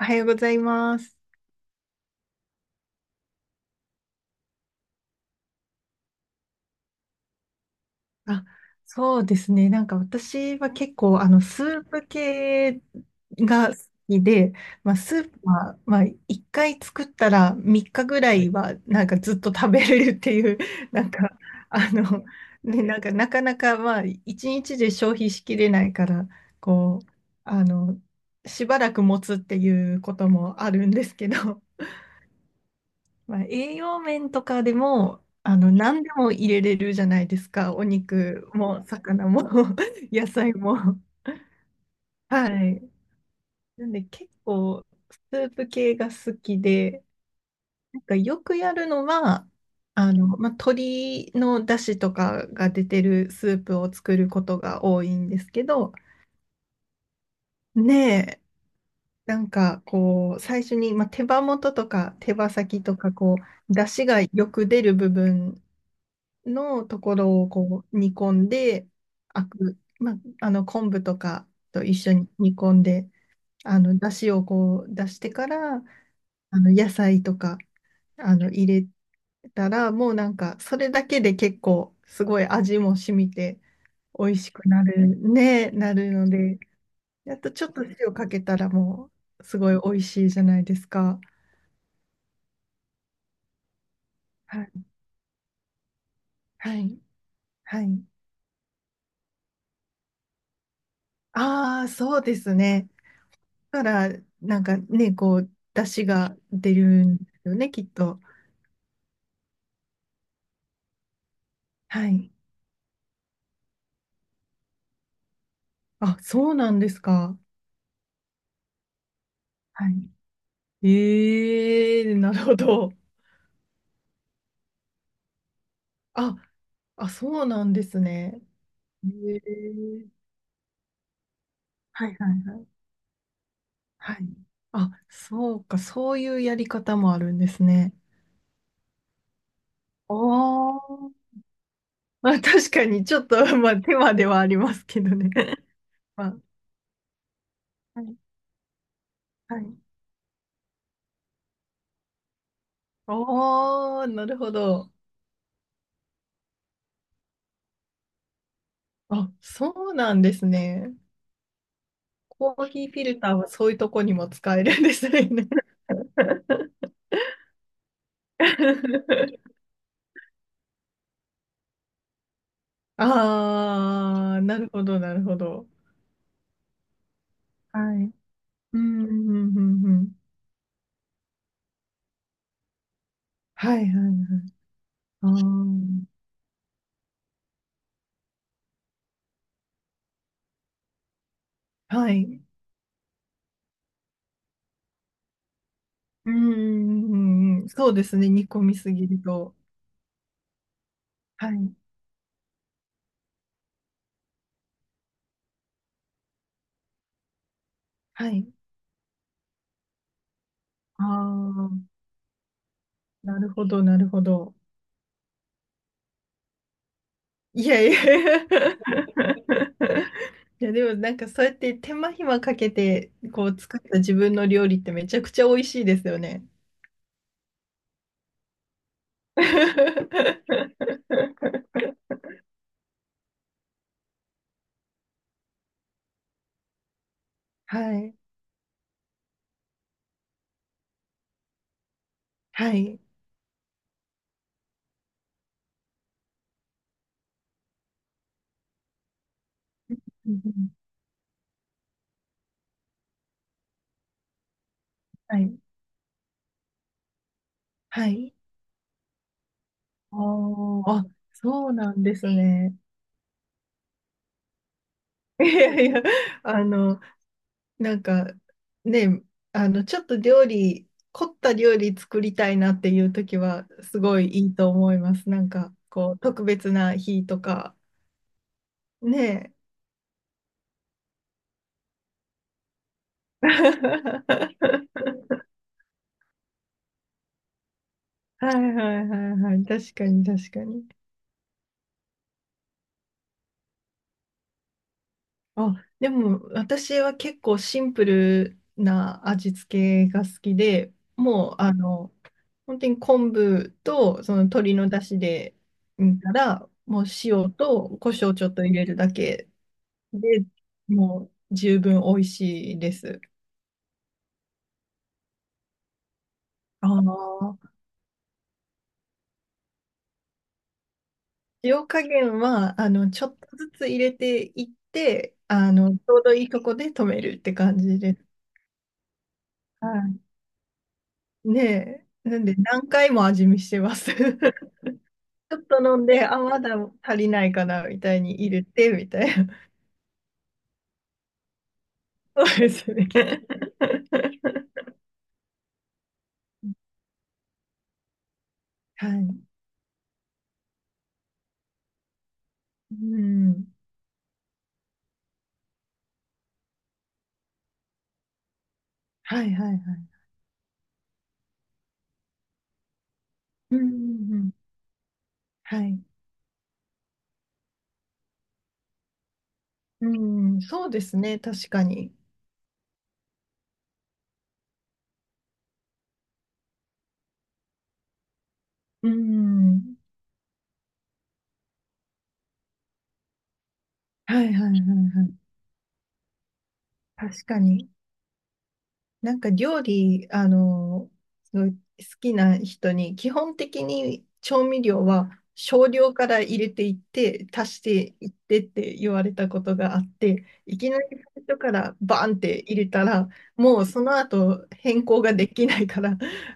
おはようございます。あ、そうですね。なんか私は結構、スープ系が好きで、まあ、スープは、まあ、1回作ったら3日ぐらいは、なんかずっと食べれるっていう、なんか、あの、ね、なんか、なかなか、まあ、1日で消費しきれないから、こう、あの、しばらく持つっていうこともあるんですけど、まあ、栄養面とかでも、何でも入れれるじゃないですか。お肉も、魚も、野菜も。はい。なんで結構、スープ系が好きで、なんかよくやるのは、まあ、鶏の出汁とかが出てるスープを作ることが多いんですけど、ねえ、なんかこう、最初に、まあ、手羽元とか手羽先とか、こう、出汁がよく出る部分のところをこう煮込んで、まあ、昆布とかと一緒に煮込んで、出汁をこう出してから、野菜とか入れたら、もうなんかそれだけで結構すごい味も染みて美味しくなるね、なるので、あとちょっと塩かけたらもうすごい美味しいじゃないですか。はい。はい。はい。ああ、そうですね。から、なんかね、こう、出汁が出るんですよね、きっと。はい。あ、そうなんですか。はい。ええ、なるほど。あ、あ、そうなんですね。ええ、はいはいはい。はい。あ、そうか、そういうやり方もあるんですね。おー。まあ、確かに、ちょっと、まあ、手間ではありますけどね。まあ、はい。はい。おー、なるほど。あ、そうなんですね。コーヒーフィルターはそういうとこにも使えるんですね。ああ、なるほど、なるほど。はい。うん、うん、うん、うん。はい、はい、はい。ああ、はい。うん、うん、うんうん。そうですね。煮込みすぎると。はい、はい。ああ、なるほど、なるほど。いやいや。 いや、でもなんかそうやって手間暇かけて、こう作った自分の料理ってめちゃくちゃ美味しいですよね。はい。はい。うんうん、はい。はい。あーあ、そうなんですね。いやいや、あの、なんか、ね、ちょっと料理、凝った料理作りたいなっていう時は、すごいいいと思います。なんか、こう、特別な日とか、ねえ。はいはいはいはい。確かに、確かに。あ、でも私は結構シンプルな味付けが好きで、もうあの、本当に昆布とその鶏の出汁で煮たら、もう塩と胡椒ちょっと入れるだけで、もう十分美味しいです。あの、塩加減は、ちょっとずつ入れていって、ちょうどいいとこで止めるって感じです。はい。ねえ、なんで何回も味見してます。ちょっと飲んで、あ、まだ足りないかな、みたいに入れて、みたいな。そうですね。はい。うん。はいはいはい。うんうんうん。はい。うん、そうですね。確かに。うん。はいはいはいはい。確かに。なんか料理、すごい好きな人に、基本的に調味料は少量から入れていって、足していってって言われたことがあって、いきなり最初からバーンって入れたら、もうその後変更ができないから、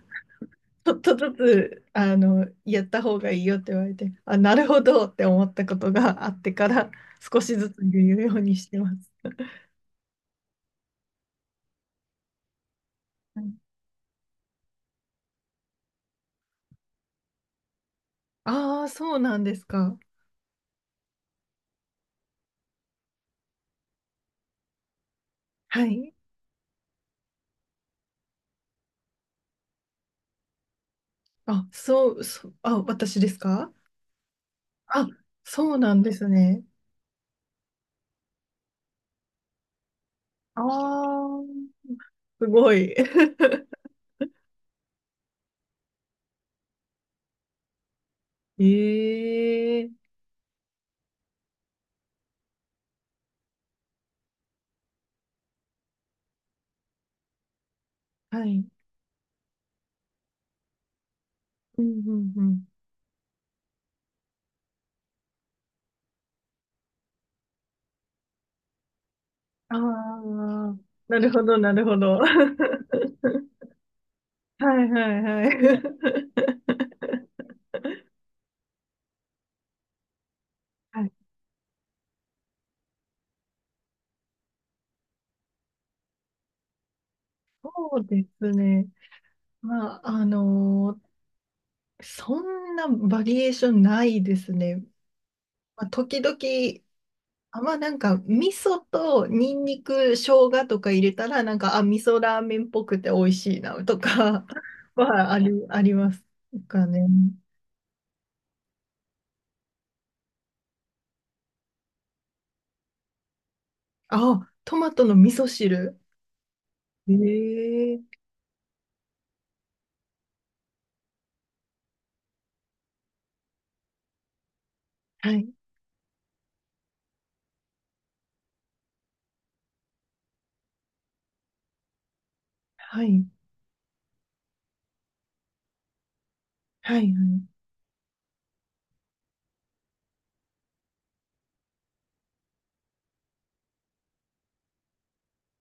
ちょっとずつ、やった方がいいよって言われて、あ、なるほどって思ったことがあってから、少しずつ言うようにしてます。ああー、そうなんですか。はい。あ、そう、そう、あ、私ですか。あ、そうなんですね。ああ、すごい。ええ、はい。うんうんうん。ああ、なるほど、なるほど。はいはいはい。はい、そうですね。まあ、そんなバリエーションないですね。まあ、時々あ、まあなんか、味噌とニンニク、生姜とか入れたら、なんか、あ、味噌ラーメンっぽくて美味しいな、とか。 はあり、ありますかね。あ、トマトの味噌汁。ええ、はい、はい、はい、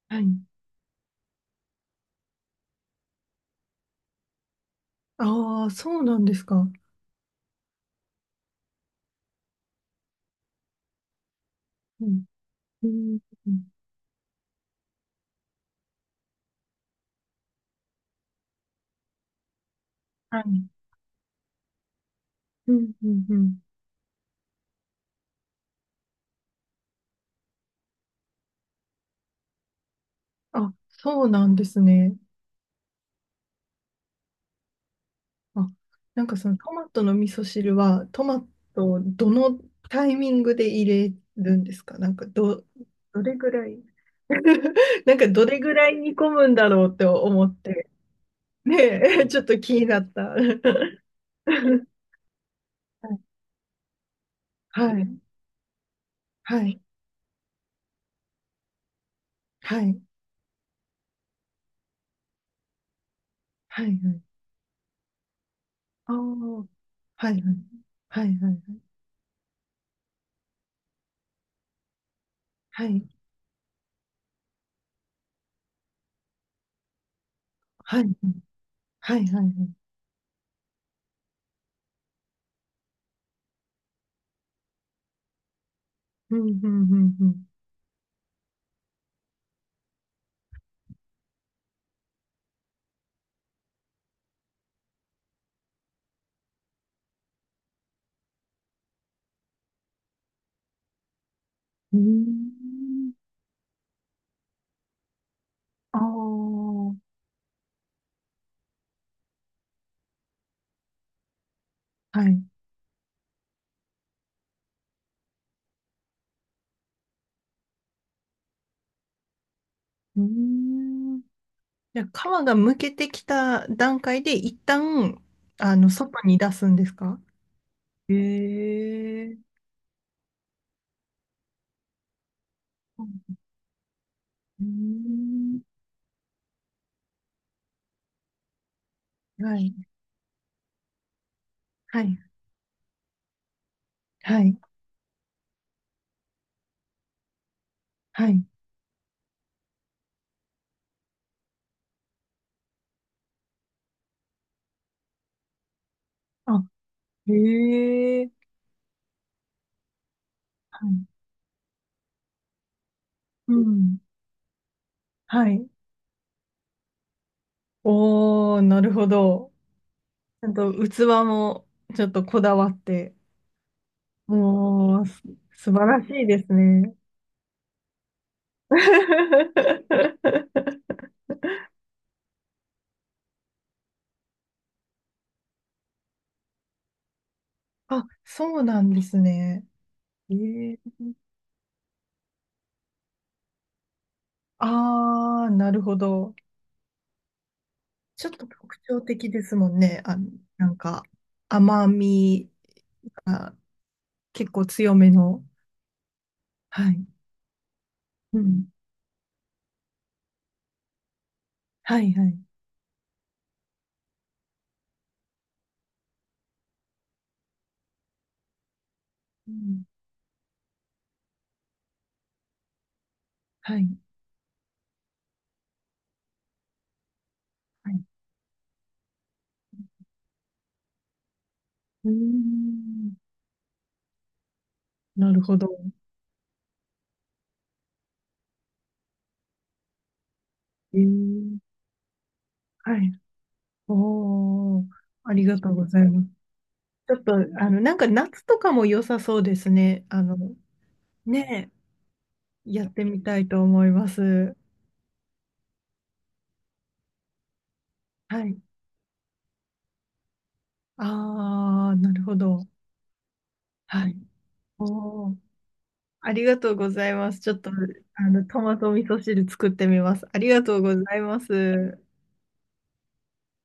はい。ああ、そうなんですか。うん、うん、うん、はい、うん、うん、うん。あ、そうなんですね。あ、なんかそのトマトの味噌汁はトマトをどのタイミングで入れるんですか、なんかど、どれぐらい。 なんかどれぐらい煮込むんだろうって思って。ねえ。ちょっと気になった。はい、はい、はい、はい、はい。ああー、はい、はい、はい、はい、はい、はい、はい、はい、はい。うん、うん、うん、うん。うーん。ああ、はい。うーん。じゃあ皮がむけてきた段階で一旦、外に出すんですか。へえー。うーん。はい、はい、はい、はい、あ、へえ。はい。うん、はい。おー、なるほど。ちゃんと器もちょっとこだわって、もう、す素晴らしいですね。あ、そうなんですね。へえ。あー、なるほど。ちょっと特徴的ですもんね。なんか、甘みが結構強めの。はい。うん。はい、はい。うん。はい、はい。うーん。なるほど。えー、はい。おー。ありがとうございます。ちょっと、なんか夏とかも良さそうですね。あの、ねえ、やってみたいと思います。はい。ああ、なるほど。はい。おー。ありがとうございます。ちょっと、トマト味噌汁作ってみます。ありがとうございます。